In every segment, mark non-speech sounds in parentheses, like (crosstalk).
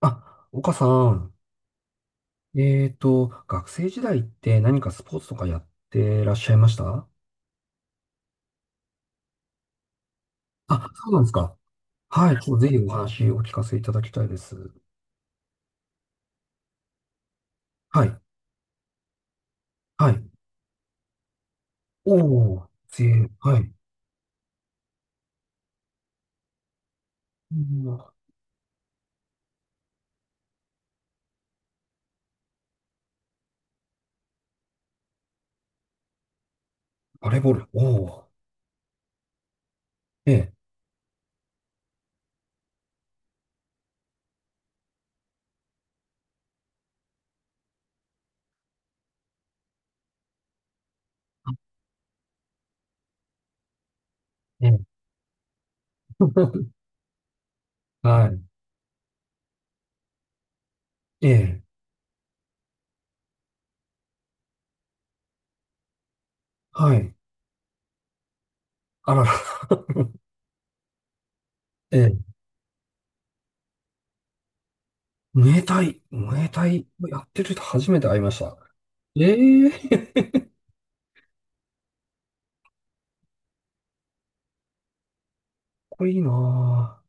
あ、岡さん、学生時代って何かスポーツとかやってらっしゃいました？あ、そうなんですか。はい、ちょっとぜひお話をお聞かせいただきたいです。はい、はい。おー、はい。うん。バレーボール、おー、ええ、ええ、(laughs) はい、ええ、はい。あらら、(laughs) ええ、ムエタイをやってる人初めて会いました。ええ、かっこいいな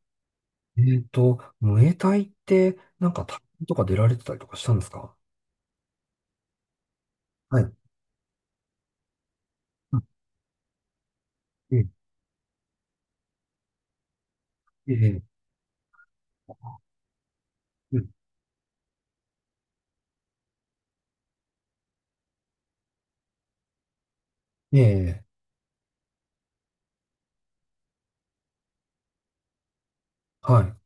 ぁ。ムエタイって、なんか、大会とか出られてたりとかしたんですか？はい。うん。ええ、ええ、うん。ええ、はい、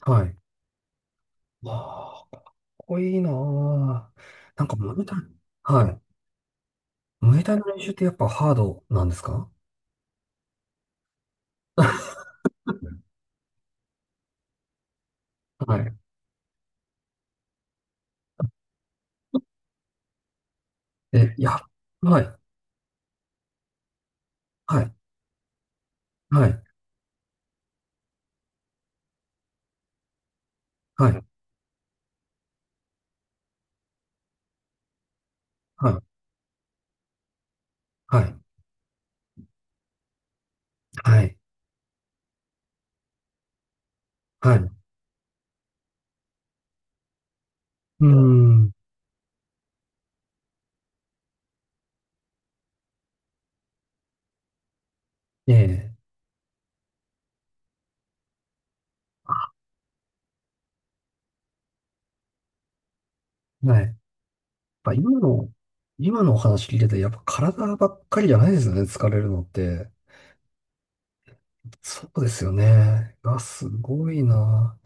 はい。わあ、かっこいいなあ。なんか、ムエタイ、はい。ムエタイの練習ってやっぱハードなんですか？ (laughs) はい。え、いや、はい、はい、はい、はい、はい、はい、はい、はい。うーん、ええ、はい。やっぱ今のお話聞いてて、やっぱ体ばっかりじゃないですよね、疲れるのって。そうですよね。すごいな。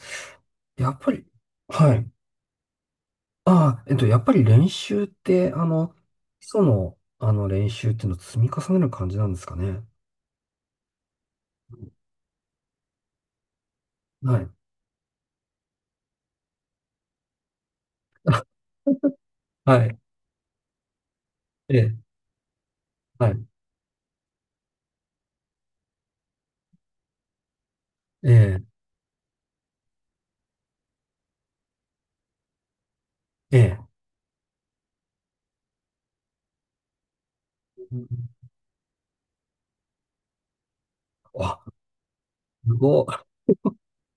やっぱり、はい。ああ、やっぱり練習って、基礎の、練習っていうのを積み重ねる感じなんですかね。はい。(laughs) はい。ええ、はい。ええ、ええ。うん。あ、すごい。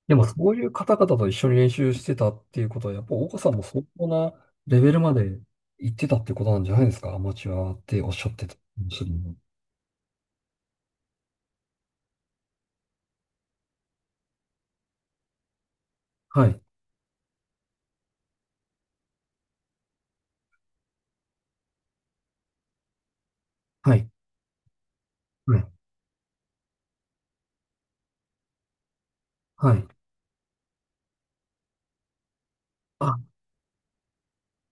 でも、そういう方々と一緒に練習してたっていうことは、やっぱ、岡さんも相当なレベルまで行ってたってことなんじゃないですか。アマチュアっておっしゃってたかもしれない。はい。はい。はい。はい。あ、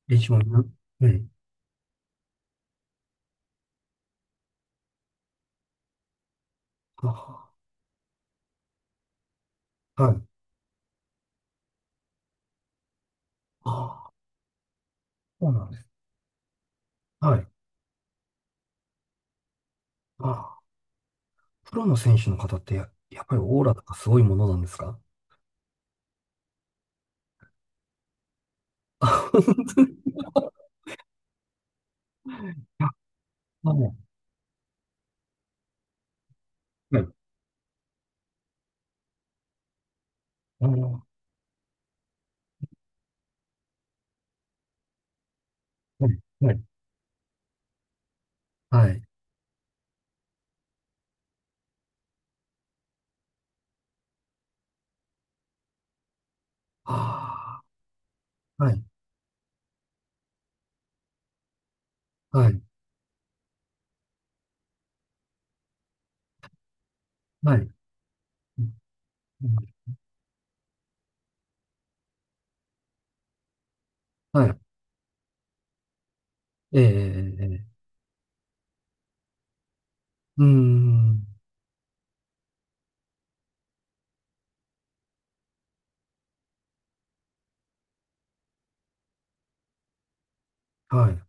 レジオンの、ええ、あ、はい。ああ、そうなんです。はい。ああ、プロの選手の方ってやっぱりオーラとかすごいものなんですか？あ、(laughs) はい。はい。あのはい。はい。はい。ああ、はい。はい。はい。ううん。はい。ええ、ええ、ええ。うーん。はい。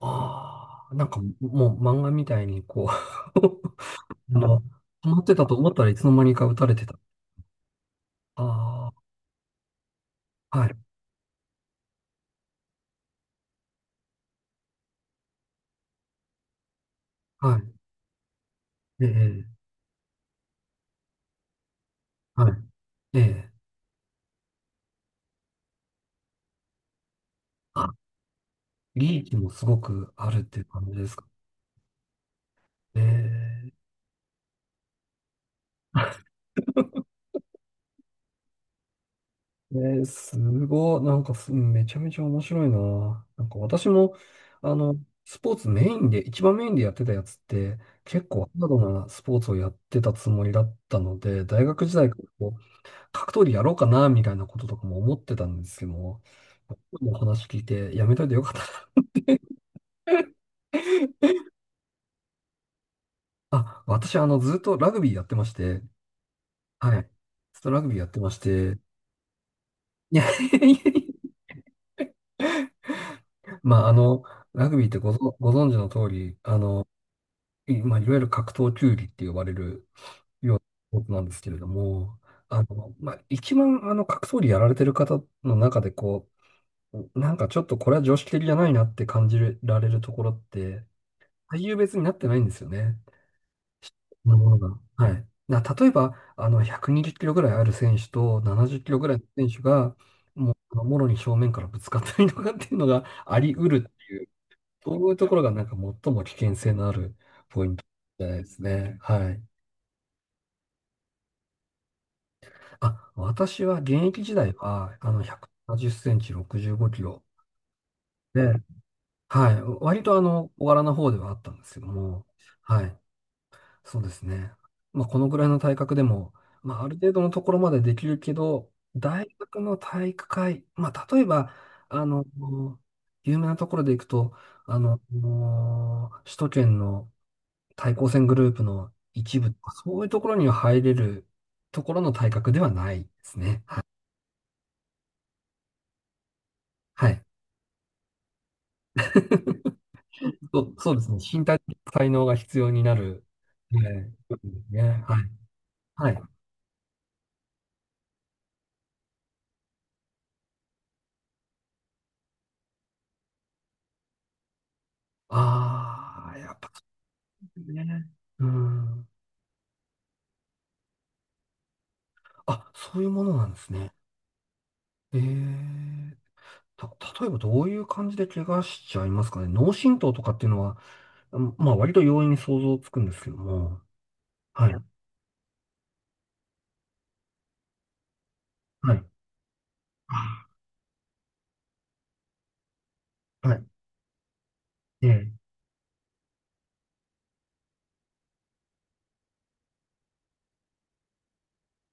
ああ、なんかもう漫画みたいにこう (laughs) あの、止まってたと思ったらいつの間にか打たれてた。ああ、はい。はい。ええ。はい。ええ。あ、リーチもすごくあるっていう感じですか？ええ。すごい。なんかす、めちゃめちゃ面白いな。なんか私も、あの、スポーツメインで、一番メインでやってたやつって、結構ハードなスポーツをやってたつもりだったので、大学時代からこう格闘技やろうかな、みたいなこととかも思ってたんですけども、今のお話聞いてやめといてよかったな。(laughs) あ、私、ずっとラグビーやってまして、はい。ずっとラグビーやってまして、(laughs) いやいやいやまあ、ラグビーってご存知の通り、まあ、いわゆる格闘球技って呼ばれるスポーツなんですけれども、まあ、一番、格闘技やられてる方の中で、こう、なんかちょっとこれは常識的じゃないなって感じられるところって、体重別になってないんですよね。なるほど。はい。例えば、120キロぐらいある選手と70キロぐらいの選手が、もう、もろに正面からぶつかったりとかっていうのがあり得るっていう、そういうところがなんか最も危険性のあるポイントじゃないですね。はい。あ、私は現役時代は、170センチ、65キロで、はい。割と小柄な方ではあったんですけども、はい。そうですね。まあ、このぐらいの体格でも、まあ、ある程度のところまでできるけど、大学の体育会、まあ、例えば、あの、有名なところでいくと、もう首都圏の対抗戦グループの一部とか、そういうところには入れるところの体格ではないですね。はい。(laughs) そうそうですね。身体的才能が必要になる。はい。ね。はい。はい。ああ、やっぱそうですね。うん。あ、そういうものなんですね。ええた、例えばどういう感じで怪我しちゃいますかね。脳震盪とかっていうのは、うんまあ割と容易に想像つくんですけども。はい。はい。あ、はい。ええ。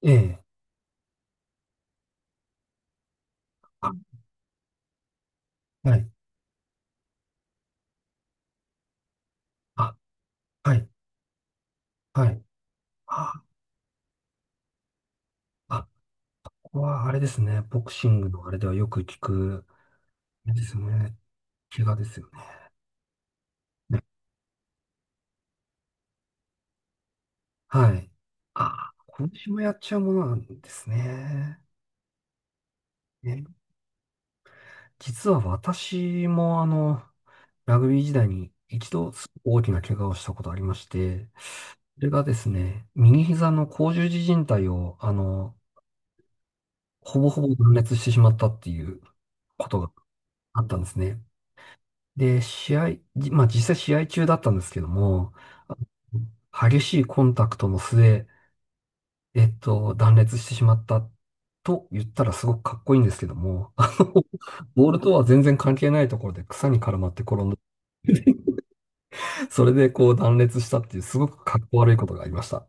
ええ。はい。あ、はい、はい。あ、あ、ここはあれですね。ボクシングのあれではよく聞く、あれですね。怪我ですよね。ね。はい。あ、拳もやっちゃうものなんですね。ね、実は私もラグビー時代に一度すごく大きな怪我をしたことありまして、それがですね、右膝の甲状肢靭帯を、ほぼほぼ断裂してしまったっていうことがあったんですね。で、試合、じまあ実際試合中だったんですけども、激しいコンタクトの末、断裂してしまったと言ったらすごくかっこいいんですけども、ボールとは全然関係ないところで草に絡まって転んで、それでこう断裂したっていうすごくかっこ悪いことがありました。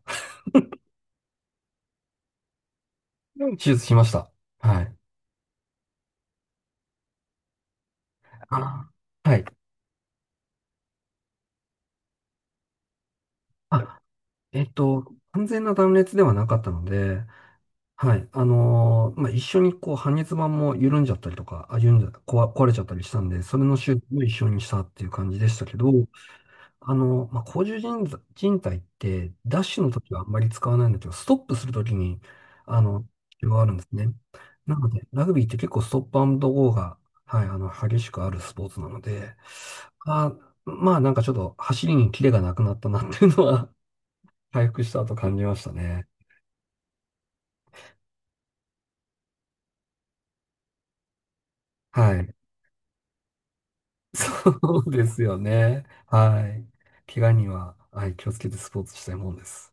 手術しました。はい。あ、はい。あ、完全な断裂ではなかったので、はい。まあ、一緒にこう、半月板も緩んじゃったりとか、あ、緩んじゃ、壊、壊れちゃったりしたんで、それの修復も一緒にしたっていう感じでしたけど、まあ、甲冑人人体って、ダッシュの時はあんまり使わないんだけど、ストップする時に、あの、必要があるんですね。なので、ラグビーって結構ストップアンドゴーが、はい、激しくあるスポーツなので、あ、まあ、なんかちょっと走りにキレがなくなったなっていうのは、(laughs) 回復した後感じましたね。はい。そうですよね。はい。怪我には、はい、気をつけてスポーツしたいもんです。